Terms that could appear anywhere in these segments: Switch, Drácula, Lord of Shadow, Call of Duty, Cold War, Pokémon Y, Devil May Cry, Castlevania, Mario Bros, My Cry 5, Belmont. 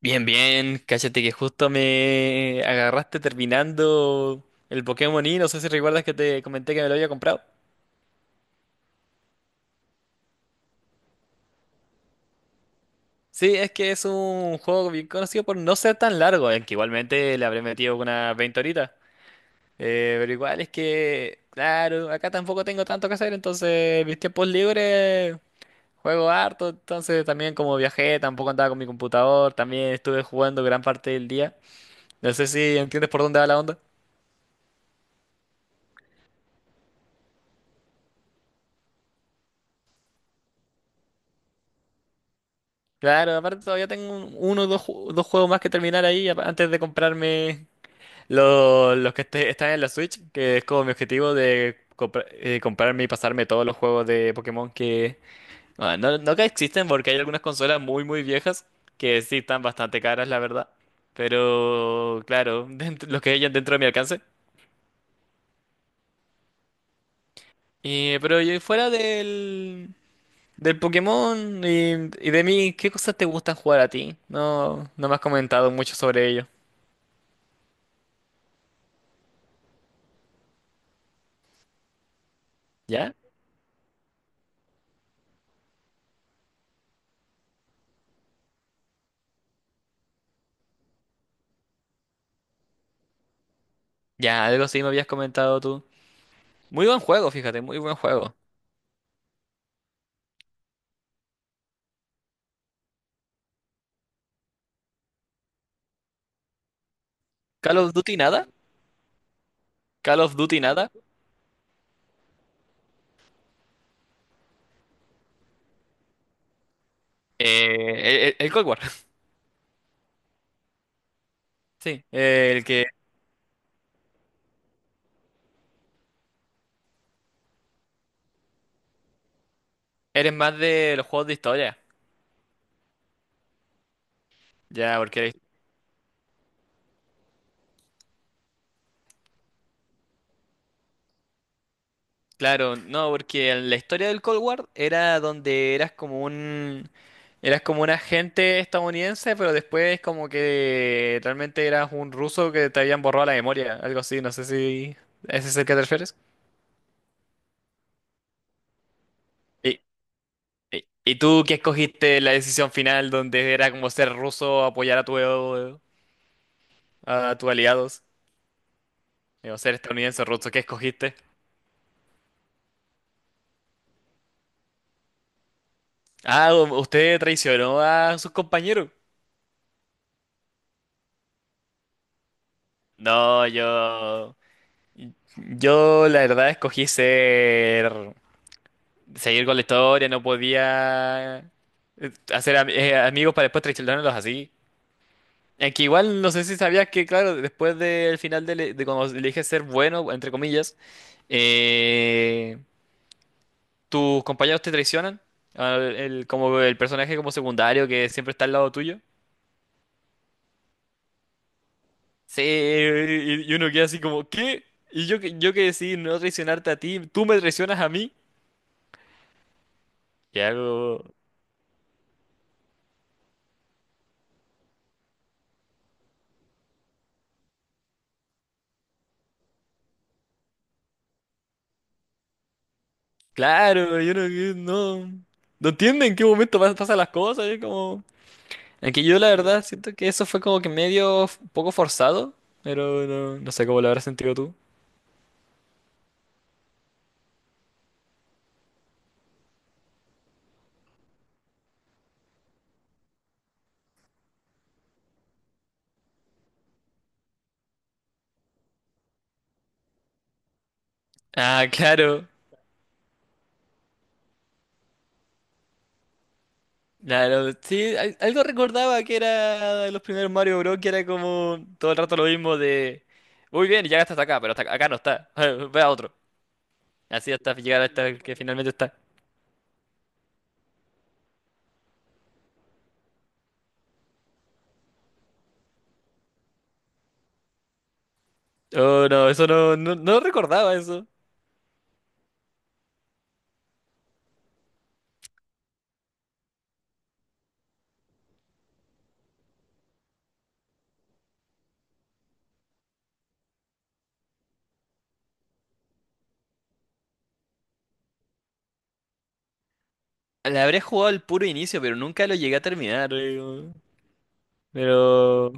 Bien, bien, cállate que justo me agarraste terminando el Pokémon Y, no sé si recuerdas que te comenté que me lo había comprado. Sí, es que es un juego bien conocido por no ser tan largo, aunque igualmente le habré metido unas 20 horitas. Pero igual es que, claro, acá tampoco tengo tanto que hacer, entonces mis tiempos libres juego harto, entonces también como viajé, tampoco andaba con mi computador, también estuve jugando gran parte del día. No sé si entiendes por dónde va la onda. Claro, aparte todavía tengo uno o dos, dos juegos más que terminar ahí antes de comprarme los que están en la Switch, que es como mi objetivo de comprarme y pasarme todos los juegos de Pokémon que... ah, no, que existen porque hay algunas consolas muy muy viejas que sí están bastante caras, la verdad. Pero claro, dentro, los que hayan dentro de mi alcance. Pero y fuera del Pokémon y de mí, ¿qué cosas te gustan jugar a ti? No, no me has comentado mucho sobre ello. ¿Ya? Ya, algo así me habías comentado tú. Muy buen juego, fíjate, muy buen juego. Call of Duty nada, Call of Duty nada. El Cold War, sí. El que eres más de los juegos de historia. Ya, porque, claro, no, porque en la historia del Cold War era donde eras como un... Eras como un agente estadounidense, pero después como que realmente eras un ruso que te habían borrado la memoria, algo así, no sé si ese es el que te refieres. ¿Y tú qué escogiste en la decisión final donde era como ser ruso, apoyar a tu, a tus aliados? ¿O ser estadounidense o ruso, qué escogiste? Ah, usted traicionó a sus compañeros. No, yo... Yo la verdad escogí ser... Seguir con la historia, no podía hacer amigos para después traicionarlos así. Es que igual no sé si sabías que, claro, después del final de cuando elige ser bueno, entre comillas, eh, ¿tus compañeros te traicionan? Ah, el, como el personaje como secundario que siempre está al lado tuyo. Sí, y uno queda así como, ¿qué? Y yo, yo que decidí no traicionarte a ti, tú me traicionas a mí. Y algo, claro, yo no, que- no, no entiendo en qué momento pasan las cosas. Es como, en que yo la verdad siento que eso fue como que medio un poco forzado, pero no, no sé cómo lo habrás sentido tú. Ah, claro. Claro, sí, algo recordaba que era de los primeros Mario Bros. Que era como todo el rato lo mismo de, muy bien, ya hasta acá, pero hasta acá no está, ve a otro. Así hasta llegar hasta el que finalmente está. Oh, no, eso no, no, no recordaba eso. Le habré jugado al puro inicio, pero nunca lo llegué a terminar, digo. Pero,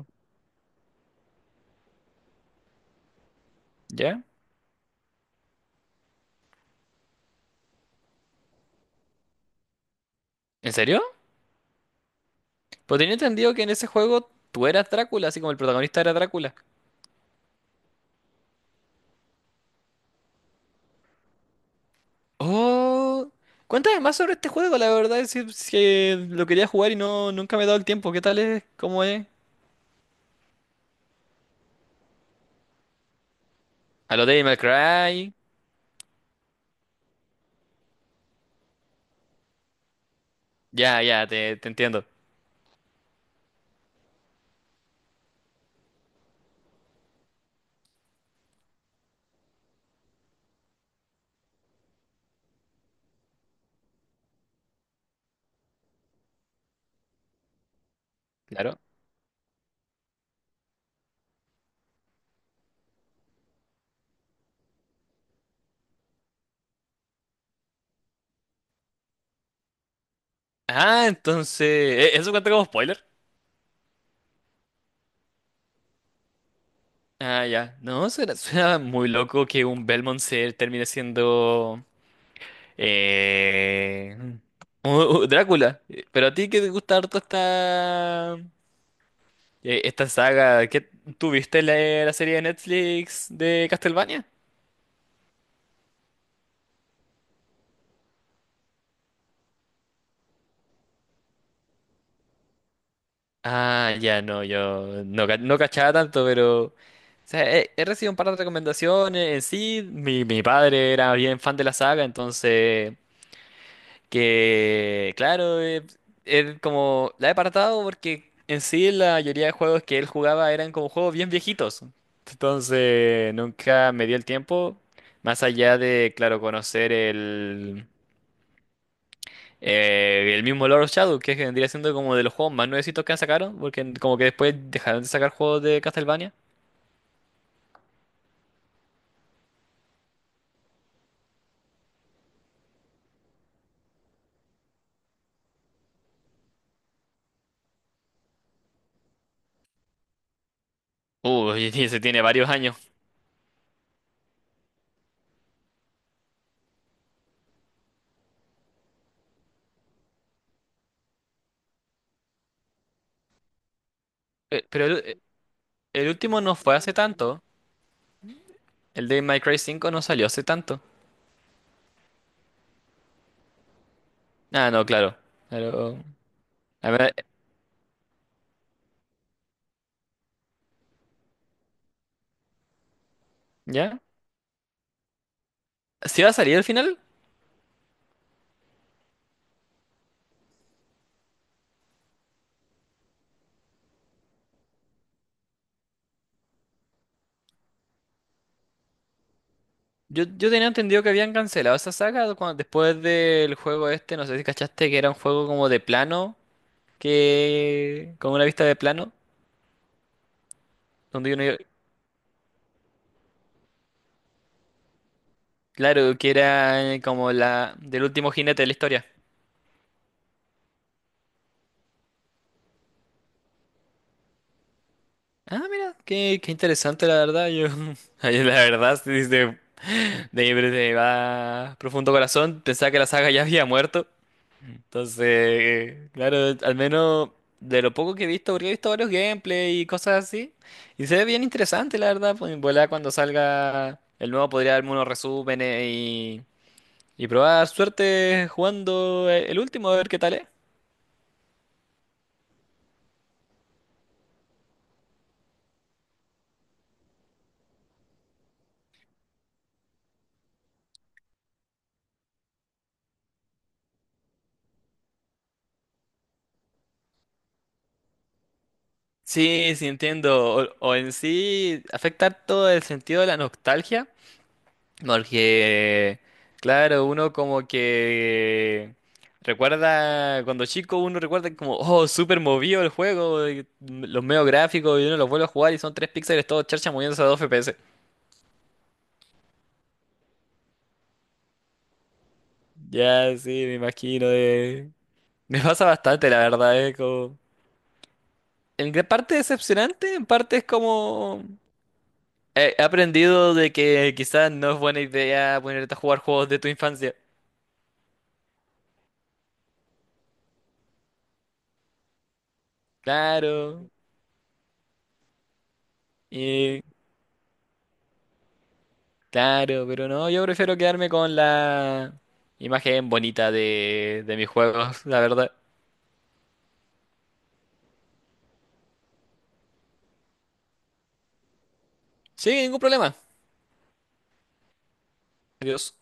¿ya? ¿En serio? Pues tenía entendido que en ese juego tú eras Drácula, así como el protagonista era Drácula. Oh, cuéntame más sobre este juego, la verdad es que lo quería jugar y nunca me he dado el tiempo. ¿Qué tal es? ¿Cómo es? A lo Devil May Cry. Ya, ya, te entiendo. Claro. Ah, entonces, ¿eso cuenta como spoiler? Ah, ya. No, suena, suena muy loco que un Belmont se termine siendo eh, u- Drácula. Pero a ti que te gusta harto esta esta saga, ¿qué tuviste la, la serie de Netflix de Castlevania? Ah, ya no, yo no, ca- no cachaba tanto, pero o sea, he recibido un par de recomendaciones. En sí, mi padre era bien fan de la saga, entonces que claro, él como la he apartado porque en sí la mayoría de juegos que él jugaba eran como juegos bien viejitos. Entonces nunca me dio el tiempo, más allá de, claro, conocer el mismo Lord of Shadow, que es que vendría siendo como de los juegos más nuevecitos que sacaron, porque como que después dejaron de sacar juegos de Castlevania. Uh, se tiene varios años. Eh, pero el, eh, el último no fue hace tanto. El de My Cry 5 no salió hace tanto. Ah, no, claro. Pero, a ver, ¿ya? ¿Si va a salir al final? Yo tenía entendido que habían cancelado esa saga después del juego este, no sé si cachaste que era un juego como de plano, que con una vista de plano, donde uno, claro, que era como la del último jinete de la historia. Ah, mira, qué, qué interesante la verdad. Yo, ay, la verdad, sí, de mi más profundo corazón, pensaba que la saga ya había muerto. Entonces, claro, al menos de lo poco que he visto, porque he visto varios gameplay y cosas así. Y se ve bien interesante, la verdad. Pues en volá cuando salga el nuevo podría darme unos resúmenes y probar suerte jugando el último, a ver qué tal es. Sí, sí entiendo. O en sí afecta todo el sentido de la nostalgia, porque, claro, uno como que recuerda, cuando chico uno recuerda como, oh, súper movido el juego, y los medios gráficos, y uno los vuelve a jugar y son tres píxeles todo charcha moviéndose a dos FPS. Ya, sí, me imagino. Me pasa bastante, la verdad, es como... En gran parte decepcionante, en parte es como... He aprendido de que quizás no es buena idea ponerte a jugar juegos de tu infancia. Claro, y claro, pero no, yo prefiero quedarme con la imagen bonita de mis juegos, la verdad. Sí, ningún problema. Adiós.